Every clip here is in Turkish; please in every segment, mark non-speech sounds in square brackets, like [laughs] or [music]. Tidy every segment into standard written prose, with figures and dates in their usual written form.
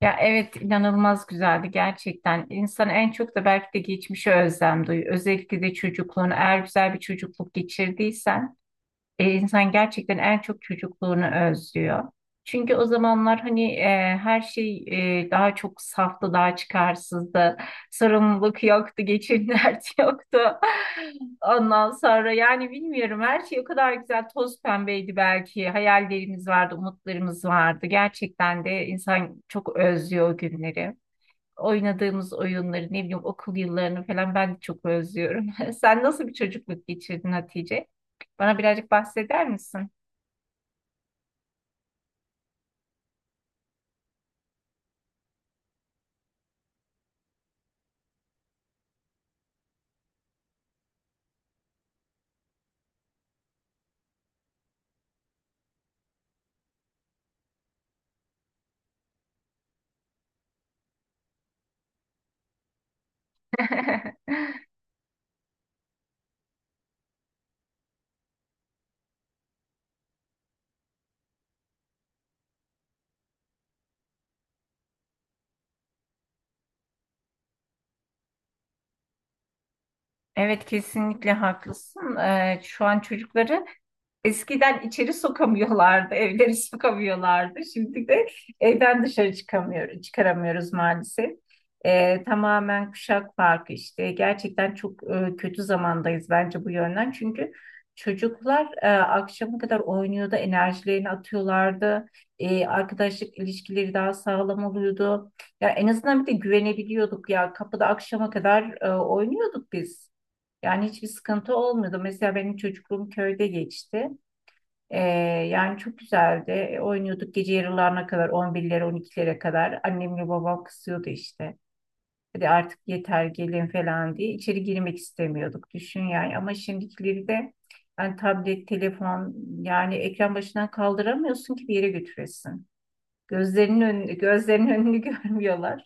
Ya evet inanılmaz güzeldi gerçekten. İnsan en çok da belki de geçmişe özlem duyuyor. Özellikle de çocukluğunu eğer güzel bir çocukluk geçirdiysen insan gerçekten en çok çocukluğunu özlüyor. Çünkü o zamanlar hani her şey daha çok saftı, daha çıkarsızdı. Sorumluluk yoktu, geçim [laughs] derdi yoktu. Ondan sonra yani bilmiyorum her şey o kadar güzel toz pembeydi belki. Hayallerimiz vardı, umutlarımız vardı. Gerçekten de insan çok özlüyor o günleri, oynadığımız oyunları, ne bileyim okul yıllarını falan ben de çok özlüyorum. [laughs] Sen nasıl bir çocukluk geçirdin Hatice? Bana birazcık bahseder misin? [laughs] Evet kesinlikle haklısın. Şu an çocukları eskiden içeri sokamıyorlardı, [laughs] evleri sokamıyorlardı. Şimdi de evden dışarı çıkamıyoruz, çıkaramıyoruz maalesef. Tamamen kuşak farkı işte. Gerçekten çok kötü zamandayız bence bu yönden. Çünkü çocuklar akşama kadar oynuyordu, enerjilerini atıyorlardı. Arkadaşlık ilişkileri daha sağlam oluyordu. Ya en azından bir de güvenebiliyorduk ya. Kapıda akşama kadar oynuyorduk biz. Yani hiçbir sıkıntı olmuyordu. Mesela benim çocukluğum köyde geçti. Ee, yani çok güzeldi. Oynuyorduk gece yarılarına kadar, 11'lere, 12'lere kadar. Annemle babam kızıyordu işte. Hadi artık yeter gelin falan diye. İçeri girmek istemiyorduk. Düşün yani. Ama şimdikileri de yani tablet, telefon, yani ekran başından kaldıramıyorsun ki bir yere götüresin. Gözlerinin önünü [laughs] görmüyorlar.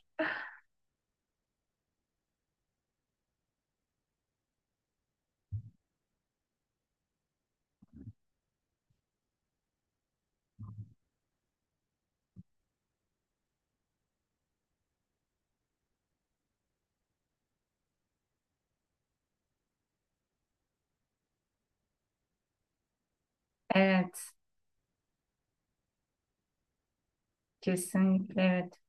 Evet, kesinlikle evet.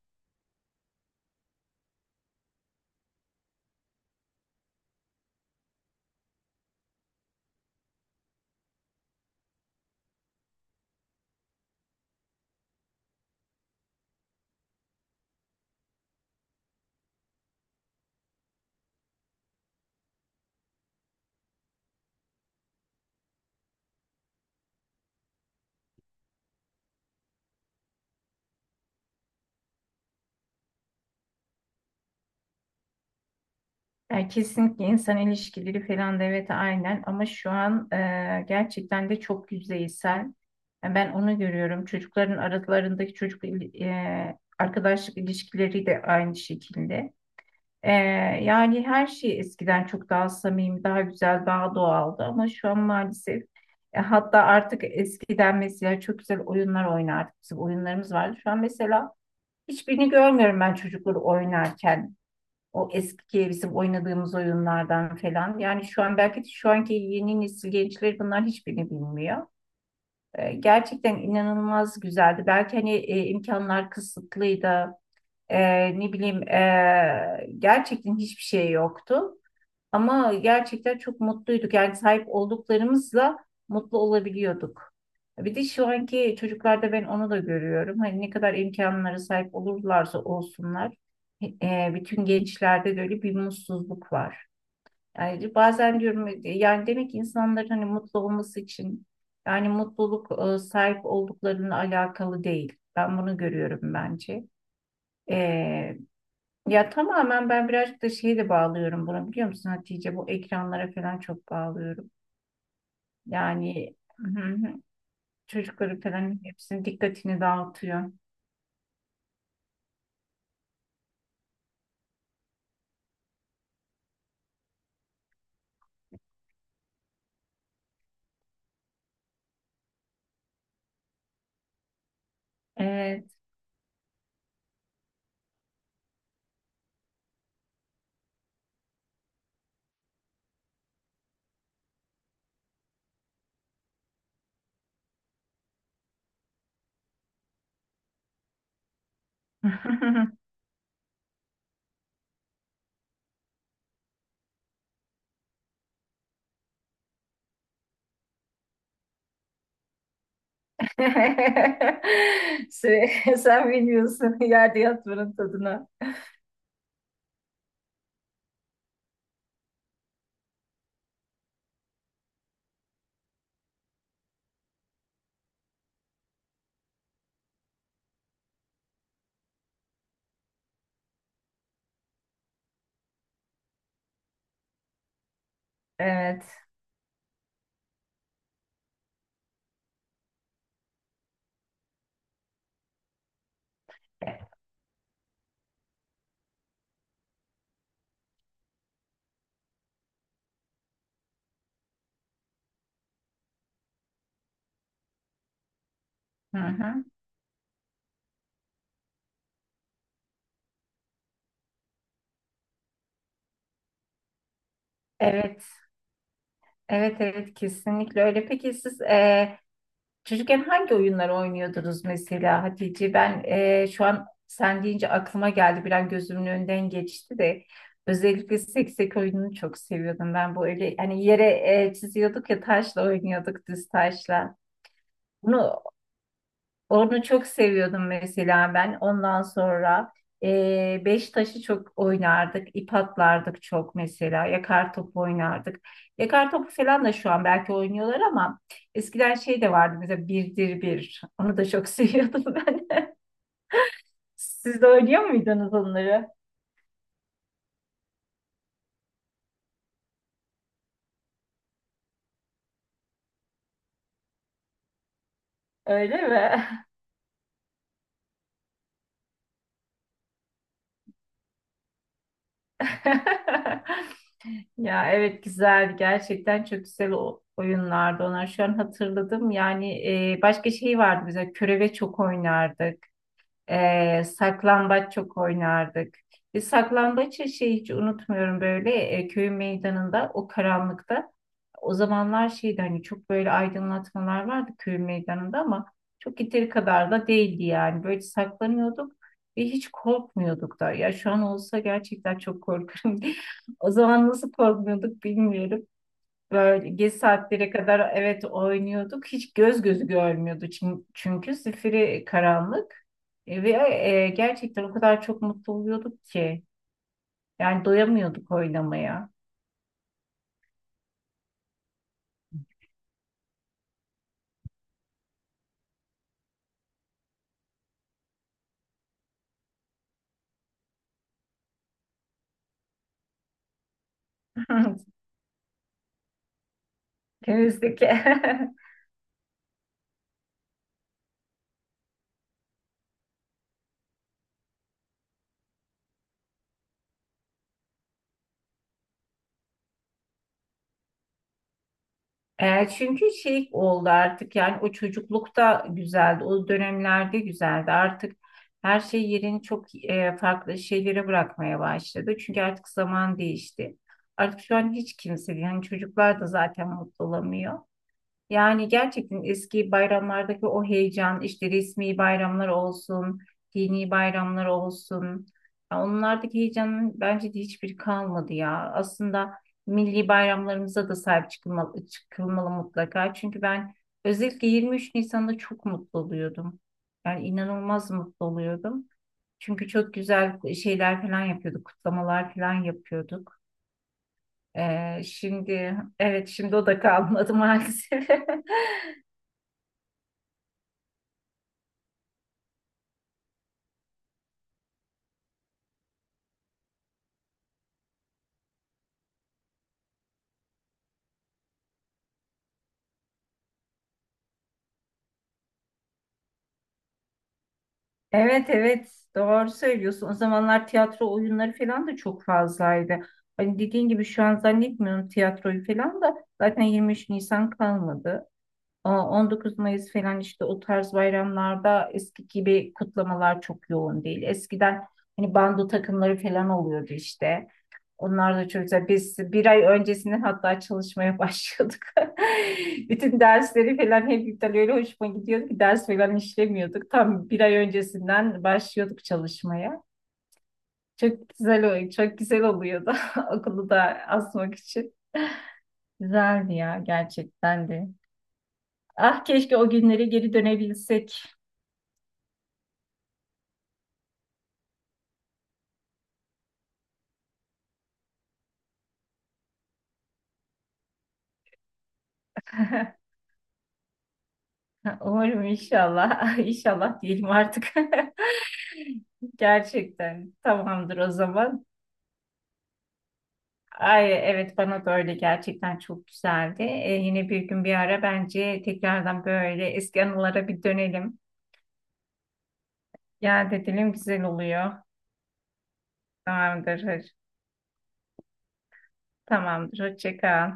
Yani kesinlikle insan ilişkileri falan da evet aynen ama şu an gerçekten de çok yüzeysel. Yani ben onu görüyorum. Çocukların aralarındaki arkadaşlık ilişkileri de aynı şekilde. E, yani her şey eskiden çok daha samimi, daha güzel, daha doğaldı ama şu an maalesef, hatta artık eskiden mesela çok güzel oyunlar oynardık. Bizim oyunlarımız vardı. Şu an mesela hiçbirini görmüyorum ben çocukları oynarken. O eski bizim oynadığımız oyunlardan falan. Yani şu an belki de şu anki yeni nesil gençleri bunlar hiçbirini bilmiyor. Gerçekten inanılmaz güzeldi. Belki hani imkanlar kısıtlıydı. Ne bileyim gerçekten hiçbir şey yoktu. Ama gerçekten çok mutluyduk. Yani sahip olduklarımızla mutlu olabiliyorduk. Bir de şu anki çocuklarda ben onu da görüyorum. Hani ne kadar imkanlara sahip olurlarsa olsunlar, bütün gençlerde de öyle bir mutsuzluk var. Yani bazen diyorum yani demek ki insanların hani mutlu olması için yani mutluluk sahip olduklarının alakalı değil. Ben bunu görüyorum bence. E, ya tamamen ben birazcık da şeyi de bağlıyorum bunu biliyor musun Hatice? Bu ekranlara falan çok bağlıyorum. Yani hı hı, [laughs] çocukları falan hepsinin dikkatini dağıtıyor. Evet. [laughs] Sen bilmiyorsun [laughs] yerde yatmanın tadına. Evet. Hı hı. Evet. Evet evet, kesinlikle öyle. Peki siz, çocukken hangi oyunlar oynuyordunuz mesela Hatice? Ben, şu an sen deyince aklıma geldi. Bir an gözümün önünden geçti de. Özellikle seksek oyununu çok seviyordum ben. Bu öyle hani yere çiziyorduk ya, taşla oynuyorduk, düz taşla. Bunu onu çok seviyordum mesela ben. Ondan sonra beş taşı çok oynardık. İp atlardık çok mesela. Yakar topu oynardık. Yakar topu falan da şu an belki oynuyorlar ama eskiden şey de vardı, mesela birdir bir. Onu da çok [laughs] seviyordum ben. Siz de oynuyor muydunuz onları? Öyle mi? [laughs] Ya evet güzeldi. Gerçekten çok güzel o oyunlardı onlar. Şu an hatırladım. Yani başka şey vardı bize, köreve çok oynardık. Saklambaç çok oynardık. Biz saklambaçı şey hiç unutmuyorum, böyle köyün meydanında o karanlıkta. O zamanlar şeydi hani, çok böyle aydınlatmalar vardı köyün meydanında ama çok yeteri kadar da değildi yani. Böyle saklanıyorduk ve hiç korkmuyorduk da. Ya şu an olsa gerçekten çok korkarım. [laughs] O zaman nasıl korkmuyorduk bilmiyorum. Böyle geç saatlere kadar evet oynuyorduk. Hiç göz gözü görmüyordu çünkü zifiri karanlık. Ve gerçekten o kadar çok mutlu oluyorduk ki. Yani doyamıyorduk oynamaya. [laughs] Temizdeki. [laughs] Çünkü şey oldu artık, yani o çocuklukta güzeldi, o dönemlerde güzeldi. Artık her şey yerini çok farklı şeylere bırakmaya başladı. Çünkü artık zaman değişti. Artık şu an hiç kimse, yani çocuklar da zaten mutlu olamıyor. Yani gerçekten eski bayramlardaki o heyecan, işte resmi bayramlar olsun, dini bayramlar olsun, ya onlardaki heyecanın bence de hiçbiri kalmadı ya. Aslında milli bayramlarımıza da sahip çıkılmalı mutlaka. Çünkü ben özellikle 23 Nisan'da çok mutlu oluyordum. Yani inanılmaz mutlu oluyordum. Çünkü çok güzel şeyler falan yapıyorduk, kutlamalar falan yapıyorduk. Şimdi evet, şimdi o da kalmadı [laughs] maalesef. Evet evet, doğru söylüyorsun. O zamanlar tiyatro oyunları falan da çok fazlaydı. Hani dediğin gibi şu an zannetmiyorum tiyatroyu falan da, zaten 23 Nisan kalmadı. O 19 Mayıs falan, işte o tarz bayramlarda eski gibi kutlamalar çok yoğun değil. Eskiden hani bando takımları falan oluyordu işte. Onlar da çok güzel. Biz bir ay öncesinden hatta çalışmaya başlıyorduk. [laughs] Bütün dersleri falan hep iptal, öyle hoşuma gidiyordu ki ders falan işlemiyorduk. Tam bir ay öncesinden başlıyorduk çalışmaya. Çok güzel oluyordu [laughs] okulu da asmak için. Güzeldi ya gerçekten de. Ah keşke o günlere geri dönebilsek. [laughs] Umarım inşallah. [laughs] İnşallah diyelim artık. [laughs] Gerçekten tamamdır o zaman. Ay evet, bana da öyle, gerçekten çok güzeldi. Yine bir gün bir ara bence tekrardan böyle eski anılara bir dönelim. Ya edelim, güzel oluyor. Tamamdır. Tamamdır. Hoşça kal.